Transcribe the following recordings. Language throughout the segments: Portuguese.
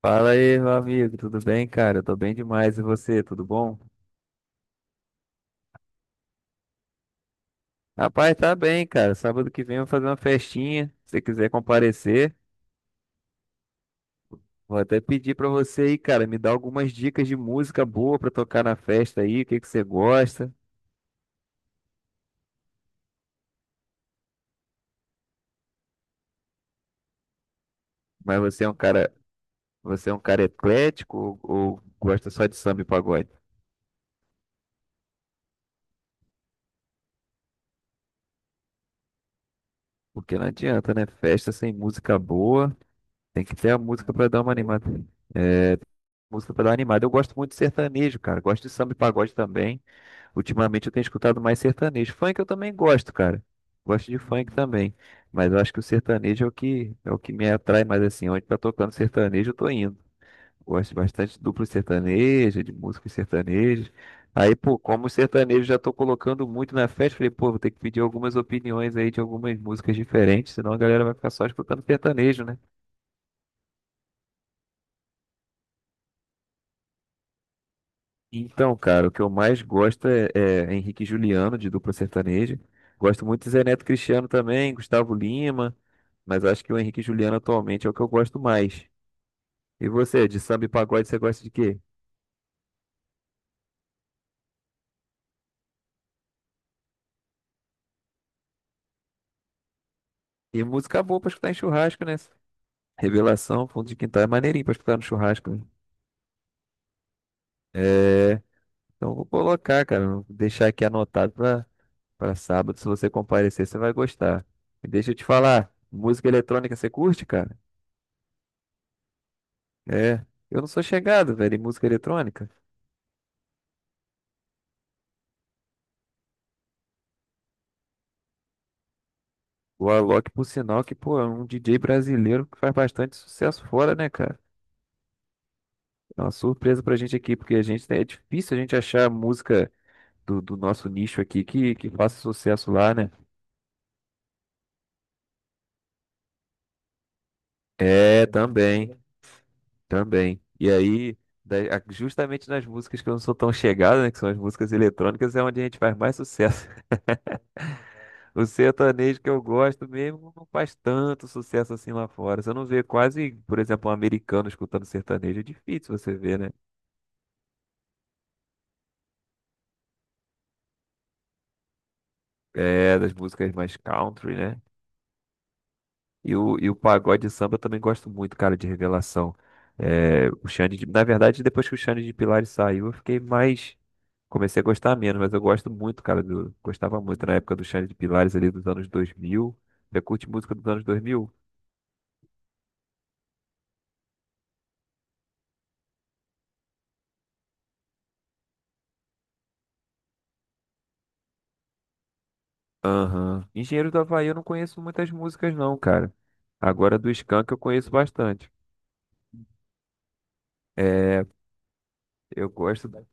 Fala aí, meu amigo, tudo bem, cara? Eu tô bem demais, e você, tudo bom? Rapaz, tá bem, cara. Sábado que vem eu vou fazer uma festinha. Se você quiser comparecer, vou até pedir pra você aí, cara, me dar algumas dicas de música boa pra tocar na festa aí, o que que você gosta? Mas você é um cara, você é um cara eclético ou gosta só de samba e pagode? Porque não adianta, né? Festa sem música boa, tem que ter a música pra dar uma animada. Música pra dar uma animada. Eu gosto muito de sertanejo, cara. Gosto de samba e pagode também. Ultimamente eu tenho escutado mais sertanejo. Funk eu também gosto, cara. Gosto de funk também. Mas eu acho que o sertanejo é o que me atrai mais assim. Onde tá tocando sertanejo, eu tô indo. Gosto bastante de duplo sertanejo, de músicas sertanejas. Aí, pô, como o sertanejo já tô colocando muito na festa, falei, pô, vou ter que pedir algumas opiniões aí de algumas músicas diferentes, senão a galera vai ficar só escutando sertanejo, né? Então, cara, o que eu mais gosto é Henrique e Juliano, de dupla sertaneja. Gosto muito de Zé Neto e Cristiano também, Gustavo Lima, mas acho que o Henrique e Juliano atualmente é o que eu gosto mais. E você, de samba e pagode, você gosta de quê? E música boa pra escutar em churrasco, né? Revelação, fundo de quintal é maneirinho pra escutar no churrasco, né? É, então eu vou colocar, cara, vou deixar aqui anotado pra sábado. Se você comparecer, você vai gostar. E deixa eu te falar, música eletrônica você curte, cara? É, eu não sou chegado, velho, em música eletrônica. O Alok, por sinal, que, pô, é um DJ brasileiro que faz bastante sucesso fora, né, cara? É uma surpresa pra gente aqui, porque a gente, né, é difícil a gente achar música do nosso nicho aqui que faça sucesso lá, né? É, também, também. E aí, justamente nas músicas que eu não sou tão chegado, né, que são as músicas eletrônicas, é onde a gente faz mais sucesso. O sertanejo que eu gosto mesmo não faz tanto sucesso assim lá fora. Você não vê quase, por exemplo, um americano escutando sertanejo. É difícil você ver, né? É, das músicas mais country, né? E o pagode e samba eu também gosto muito, cara, de Revelação. É, na verdade, depois que o Xande de Pilares saiu, eu fiquei mais. Comecei a gostar menos, mas eu gosto muito, cara. Gostava muito na época do Xande de Pilares ali dos anos 2000. Você curte música dos anos 2000? Aham. Engenheiro do Havaí eu não conheço muitas músicas não, cara. Agora do Skank eu conheço bastante. É, eu gosto da...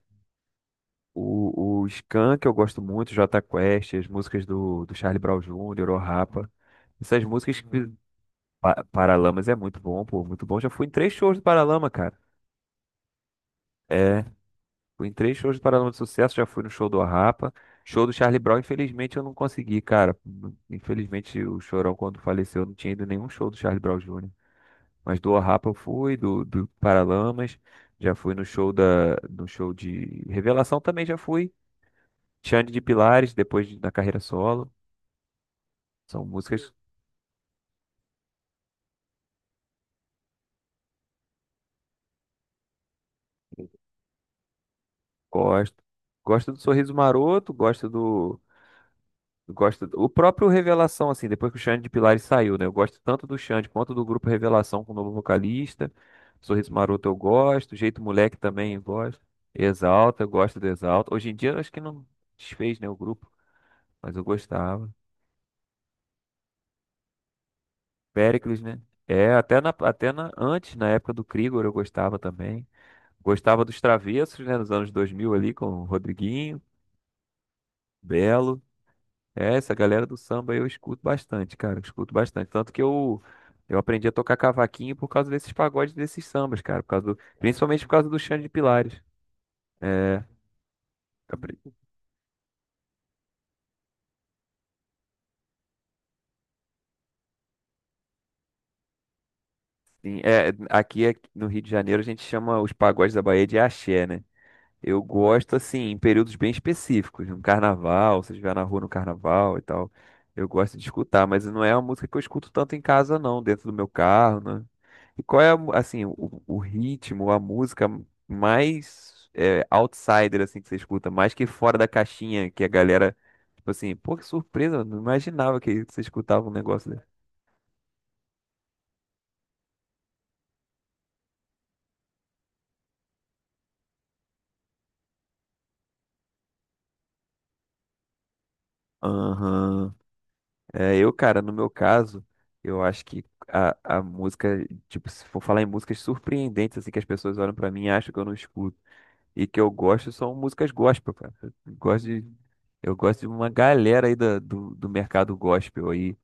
o Skank eu gosto muito, Jota Quest, as músicas do Charlie Brown Jr., o Rapa. Essas músicas que Pa- Paralamas é muito bom, pô, muito bom. Já fui em três shows do Paralama, cara. É, fui em três shows do Paralama de Sucesso, já fui no show do Rapa. Show do Charlie Brown, infelizmente eu não consegui, cara. Infelizmente o Chorão quando faleceu não tinha ido em nenhum show do Charlie Brown Jr. Mas do Rapa eu fui, do Paralamas, já fui no show de Revelação também já fui. Xande de Pilares, depois da carreira solo. São músicas que gosto. Gosto do Sorriso Maroto, gosto do. Gosto do, o próprio Revelação, assim, depois que o Xande de Pilares saiu, né? Eu gosto tanto do Xande quanto do grupo Revelação com o novo vocalista. Sorriso Maroto eu gosto, Jeito Moleque também eu gosto. Exalta, eu gosto do Exalta. Hoje em dia eu acho que não desfez, né, o grupo, mas eu gostava. Péricles, né? É, até na, antes, na época do Krigor, eu gostava também. Gostava dos Travessos, né? Nos anos 2000 ali, com o Rodriguinho, Belo. É, essa galera do samba eu escuto bastante, cara. Eu escuto bastante. Tanto que eu aprendi a tocar cavaquinho por causa desses pagodes, desses sambas, cara. Principalmente por causa do Xande de Pilares. É, apre- sim, é, aqui no Rio de Janeiro a gente chama os pagodes da Bahia de axé, né? Eu gosto, assim, em períodos bem específicos, no carnaval, se eu estiver na rua no carnaval e tal. Eu gosto de escutar, mas não é uma música que eu escuto tanto em casa, não, dentro do meu carro, né? E qual é, assim, o ritmo, a música mais é, outsider, assim, que você escuta, mais que fora da caixinha, que a galera, tipo assim, pô, que surpresa, eu não imaginava que você escutava um negócio desse. Aham. É, eu, cara, no meu caso, eu acho que a música, tipo, se for falar em músicas surpreendentes, assim, que as pessoas olham pra mim e acham que eu não escuto e que eu gosto, são músicas gospel, cara. Eu gosto de, eu gosto de uma galera aí do mercado gospel aí,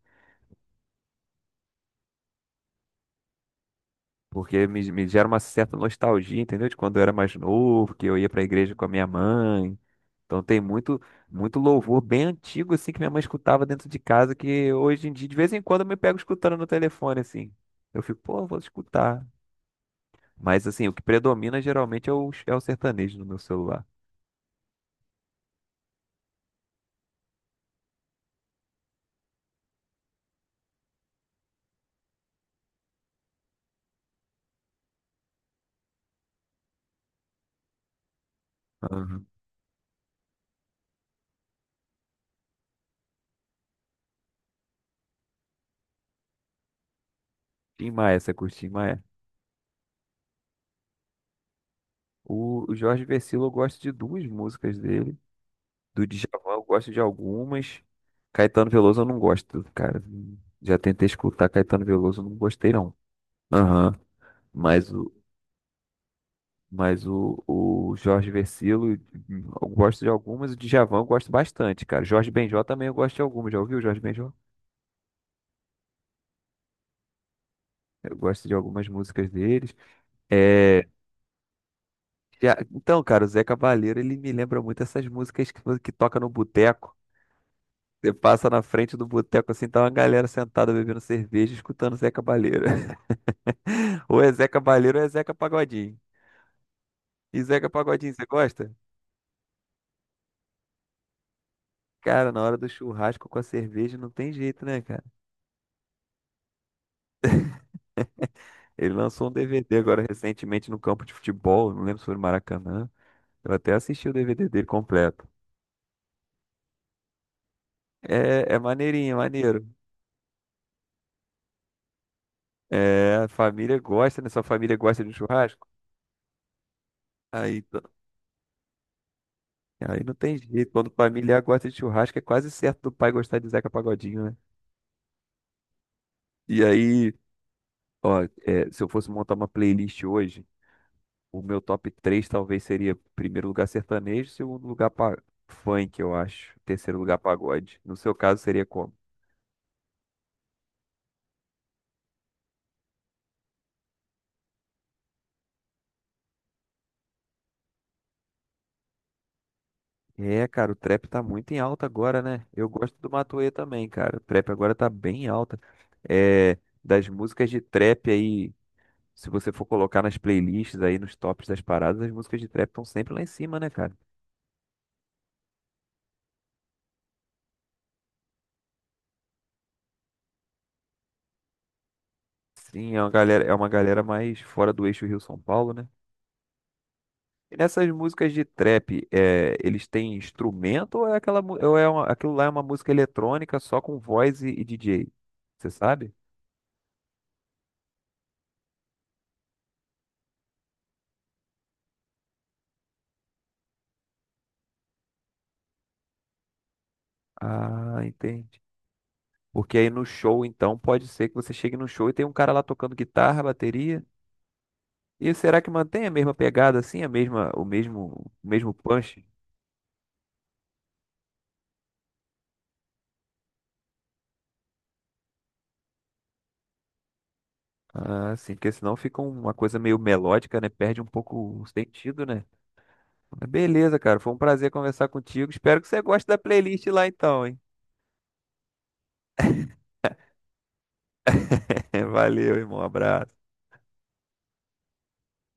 porque me gera uma certa nostalgia, entendeu? De quando eu era mais novo, que eu ia pra igreja com a minha mãe. Então tem muito, muito louvor bem antigo assim que minha mãe escutava dentro de casa que hoje em dia de vez em quando eu me pego escutando no telefone assim. Eu fico, pô, vou escutar. Mas assim, o que predomina geralmente é o sertanejo no meu celular. Uhum. Tim Maia, você curte Tim Maia? O Jorge Vercillo eu gosto de duas músicas dele. Do Djavan eu gosto de algumas. Caetano Veloso eu não gosto, cara. Já tentei escutar Caetano Veloso, eu não gostei não. Aham. Mas o Jorge Vercillo, eu gosto de algumas, o Djavan eu gosto bastante, cara. Jorge Benjó também eu gosto de algumas. Já ouviu o Jorge Benjó? Eu gosto de algumas músicas deles. É, então, cara, o Zé Cavaleiro, ele me lembra muito essas músicas que toca no boteco. Você passa na frente do boteco assim, tá uma galera sentada bebendo cerveja, escutando Zé Cavaleiro. Ou é Zé Cavaleiro ou é Zeca Pagodinho. E Zeca Pagodinho, você gosta? Cara, na hora do churrasco com a cerveja não tem jeito, né, cara? Ele lançou um DVD agora recentemente no campo de futebol, não lembro se foi no Maracanã. Eu até assisti o DVD dele completo. É, é maneirinho, é maneiro. É, a família gosta, né? Sua família gosta de um churrasco? Aí, t- aí não tem jeito. Quando familiar gosta de churrasco, é quase certo do pai gostar de Zeca Pagodinho, né? E aí, ó, é, se eu fosse montar uma playlist hoje, o meu top 3 talvez seria primeiro lugar sertanejo, segundo lugar funk, eu acho. Terceiro lugar pagode. No seu caso, seria como? É, cara, o trap tá muito em alta agora, né? Eu gosto do Matuê também, cara. O trap agora tá bem em alta. É, das músicas de trap aí, se você for colocar nas playlists aí, nos tops das paradas, as músicas de trap estão sempre lá em cima, né, cara? Sim, é uma galera mais fora do eixo Rio-São Paulo, né? E nessas músicas de trap, é, eles têm instrumento ou é aquela, mu- ou é uma- aquilo lá é uma música eletrônica só com voz e DJ? Você sabe? Ah, entendi. Porque aí no show, então, pode ser que você chegue no show e tem um cara lá tocando guitarra, bateria. E será que mantém a mesma pegada assim, a mesma, o mesmo punch? Ah, sim, porque senão fica uma coisa meio melódica, né? Perde um pouco o sentido, né? Mas beleza, cara, foi um prazer conversar contigo. Espero que você goste da playlist lá então, hein? Valeu, irmão. Abraço.